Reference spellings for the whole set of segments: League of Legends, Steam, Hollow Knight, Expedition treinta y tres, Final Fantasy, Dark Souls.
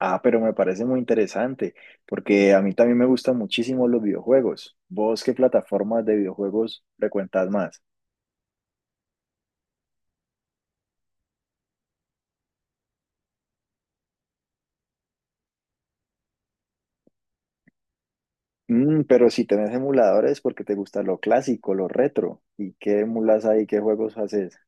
Ah, pero me parece muy interesante, porque a mí también me gustan muchísimo los videojuegos. ¿Vos qué plataformas de videojuegos frecuentas más? Mm, pero si tenés emuladores, porque te gusta lo clásico, lo retro. ¿Y qué emulas ahí? ¿Qué juegos haces?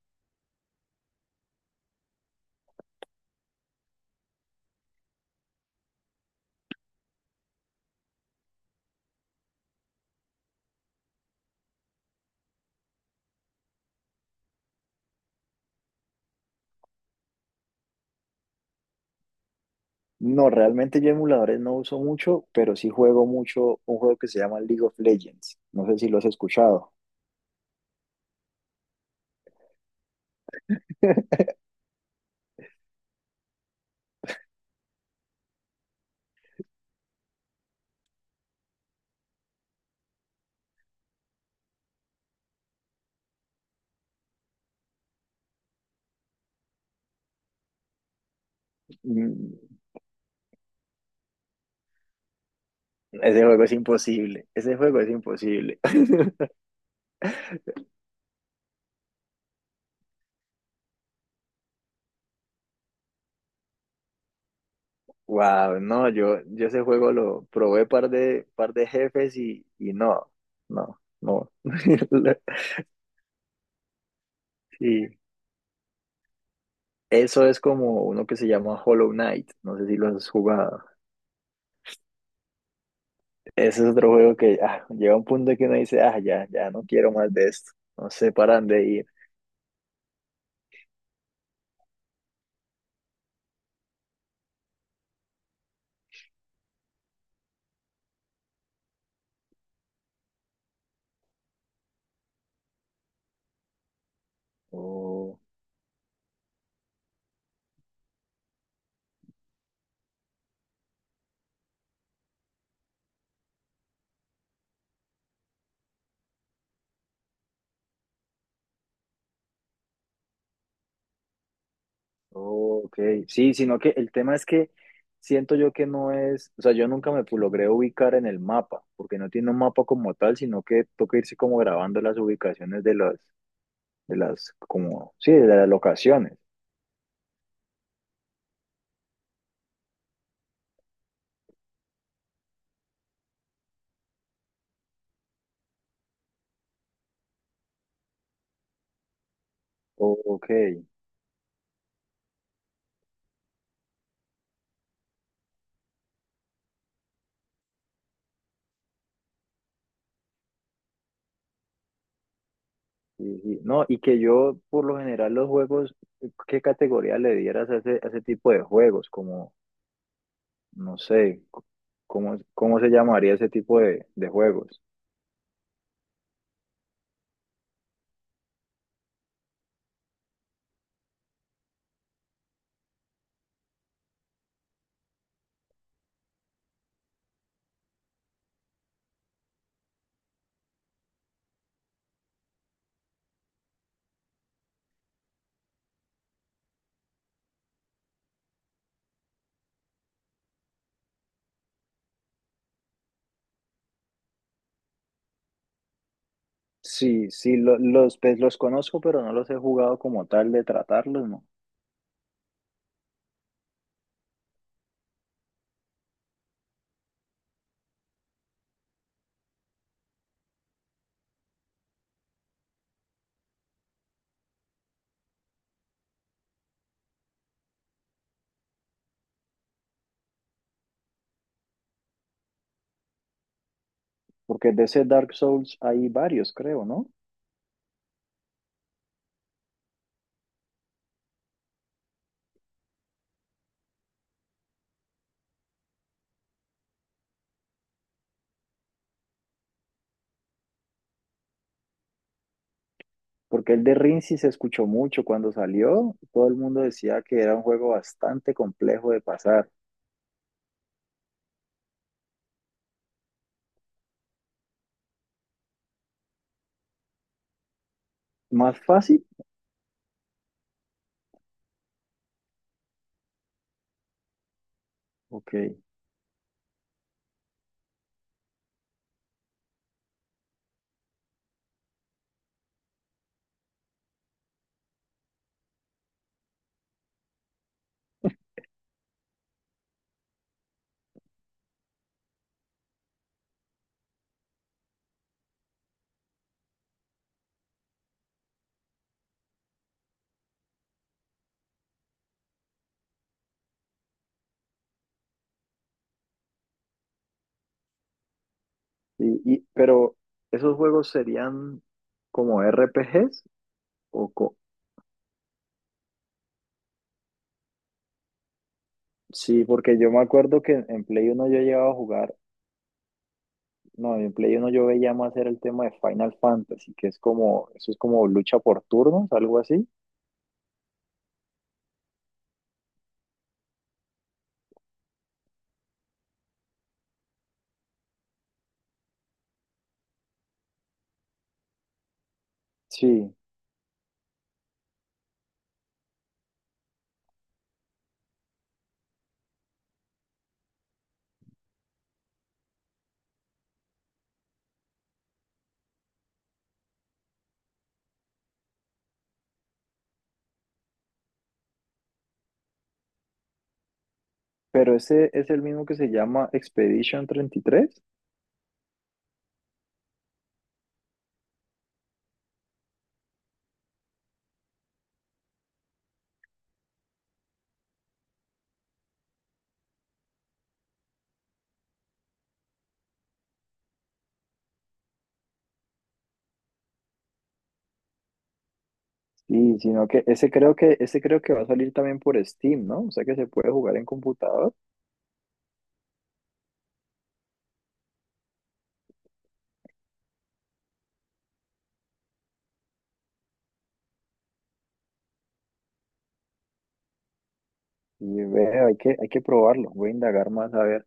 No, realmente yo emuladores no uso mucho, pero sí juego mucho un juego que se llama League of Legends. No sé si lo has escuchado. Mm. Ese juego es imposible. Ese juego es imposible. Wow, no, yo ese juego lo probé par de jefes y no, no, no. Sí. Eso es como uno que se llama Hollow Knight, no sé si lo has jugado. Ese es otro juego que llega un punto que uno dice, ah, ya, ya no quiero más de esto, no sé para dónde ir. Oh, oh, ok, sí, sino que el tema es que siento yo que no es, o sea, yo nunca logré ubicar en el mapa, porque no tiene un mapa como tal, sino que toca irse como grabando las ubicaciones de los sí, de las locaciones. O- Ok, sí, sí. No, y que yo, por lo general, los juegos, ¿qué categoría le dieras a ese tipo de juegos? Como, no sé, ¿cómo, cómo se llamaría ese tipo de juegos? Sí, sí, los, pues, los conozco, pero no los he jugado como tal de tratarlos, ¿no? Porque de ese Dark Souls hay varios, creo, ¿no? Porque el de Rin sí se escuchó mucho cuando salió, todo el mundo decía que era un juego bastante complejo de pasar. ¿Más fácil? Ok. Pero, ¿esos juegos serían como RPGs? O co- Sí, porque yo me acuerdo que en Play uno yo llegaba a jugar, no, en Play uno yo veía más era el tema de Final Fantasy, que es como, eso es como lucha por turnos, algo así. Sí. Pero ese es el mismo que se llama Expedition treinta y tres. Sí, sino que ese creo que va a salir también por Steam, ¿no? O sea que se puede jugar en computador y ve, hay que probarlo, voy a indagar más a ver.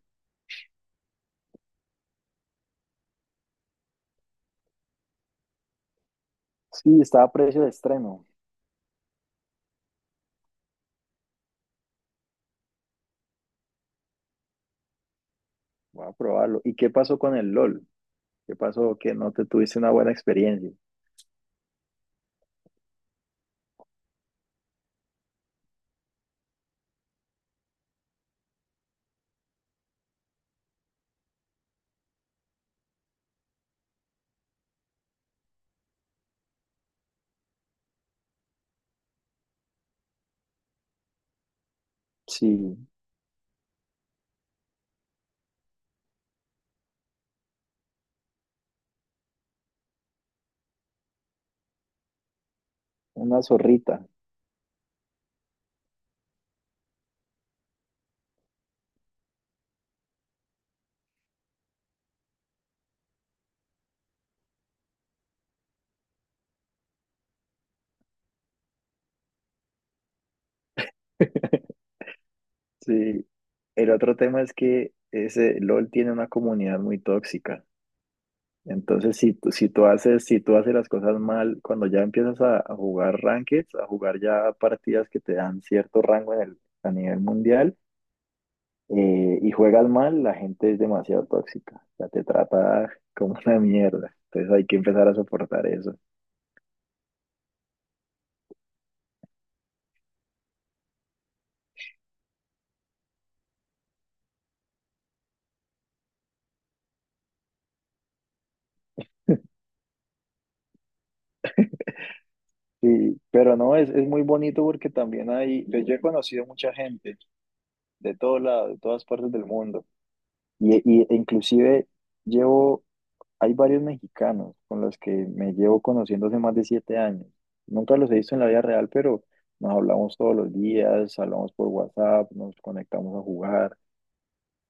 Sí, está a precio de estreno. Voy a probarlo. ¿Y qué pasó con el LOL? ¿Qué pasó que no te tuviste una buena experiencia? Sí, una zorrita. Sí. El otro tema es que ese LOL tiene una comunidad muy tóxica. Entonces, si tú haces, si tú haces las cosas mal, cuando ya empiezas a jugar rankings, a jugar ya partidas que te dan cierto rango en el, a nivel mundial, y juegas mal, la gente es demasiado tóxica. Ya te trata como una mierda. Entonces hay que empezar a soportar eso. Sí, pero no, es muy bonito porque también hay, pues yo he conocido mucha gente de todo lado, de todas partes del mundo. E inclusive llevo. Hay varios mexicanos con los que me llevo conociendo hace más de 7 años. Nunca los he visto en la vida real, pero nos hablamos todos los días, hablamos por WhatsApp, nos conectamos a jugar.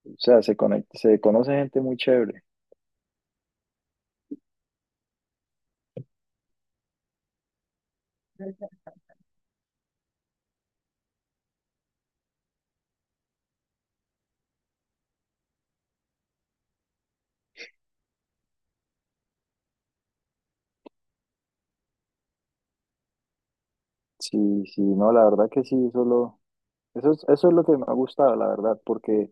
O sea, se conoce gente muy chévere. Sí, sí, no, la verdad que sí, solo, eso es lo que me ha gustado, la verdad, porque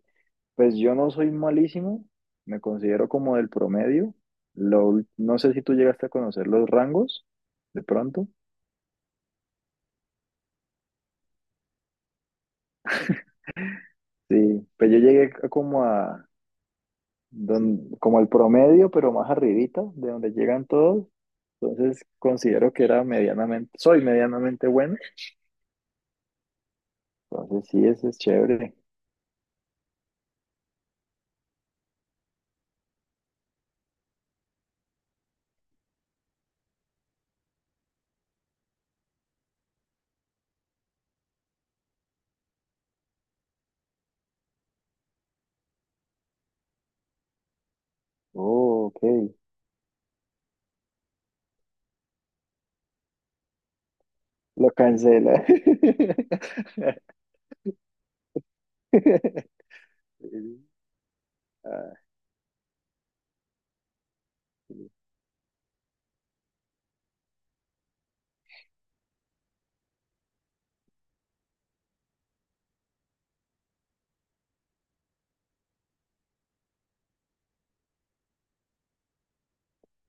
pues yo no soy malísimo, me considero como del promedio. No sé si tú llegaste a conocer los rangos, de pronto. Sí, pues yo llegué a como a, don- como el promedio, pero más arribita, de donde llegan todos. Entonces considero que era medianamente, soy medianamente bueno. Entonces sí, eso es chévere. Oh, ok. Lo cancela. Ah.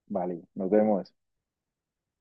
Vale, nos vemos.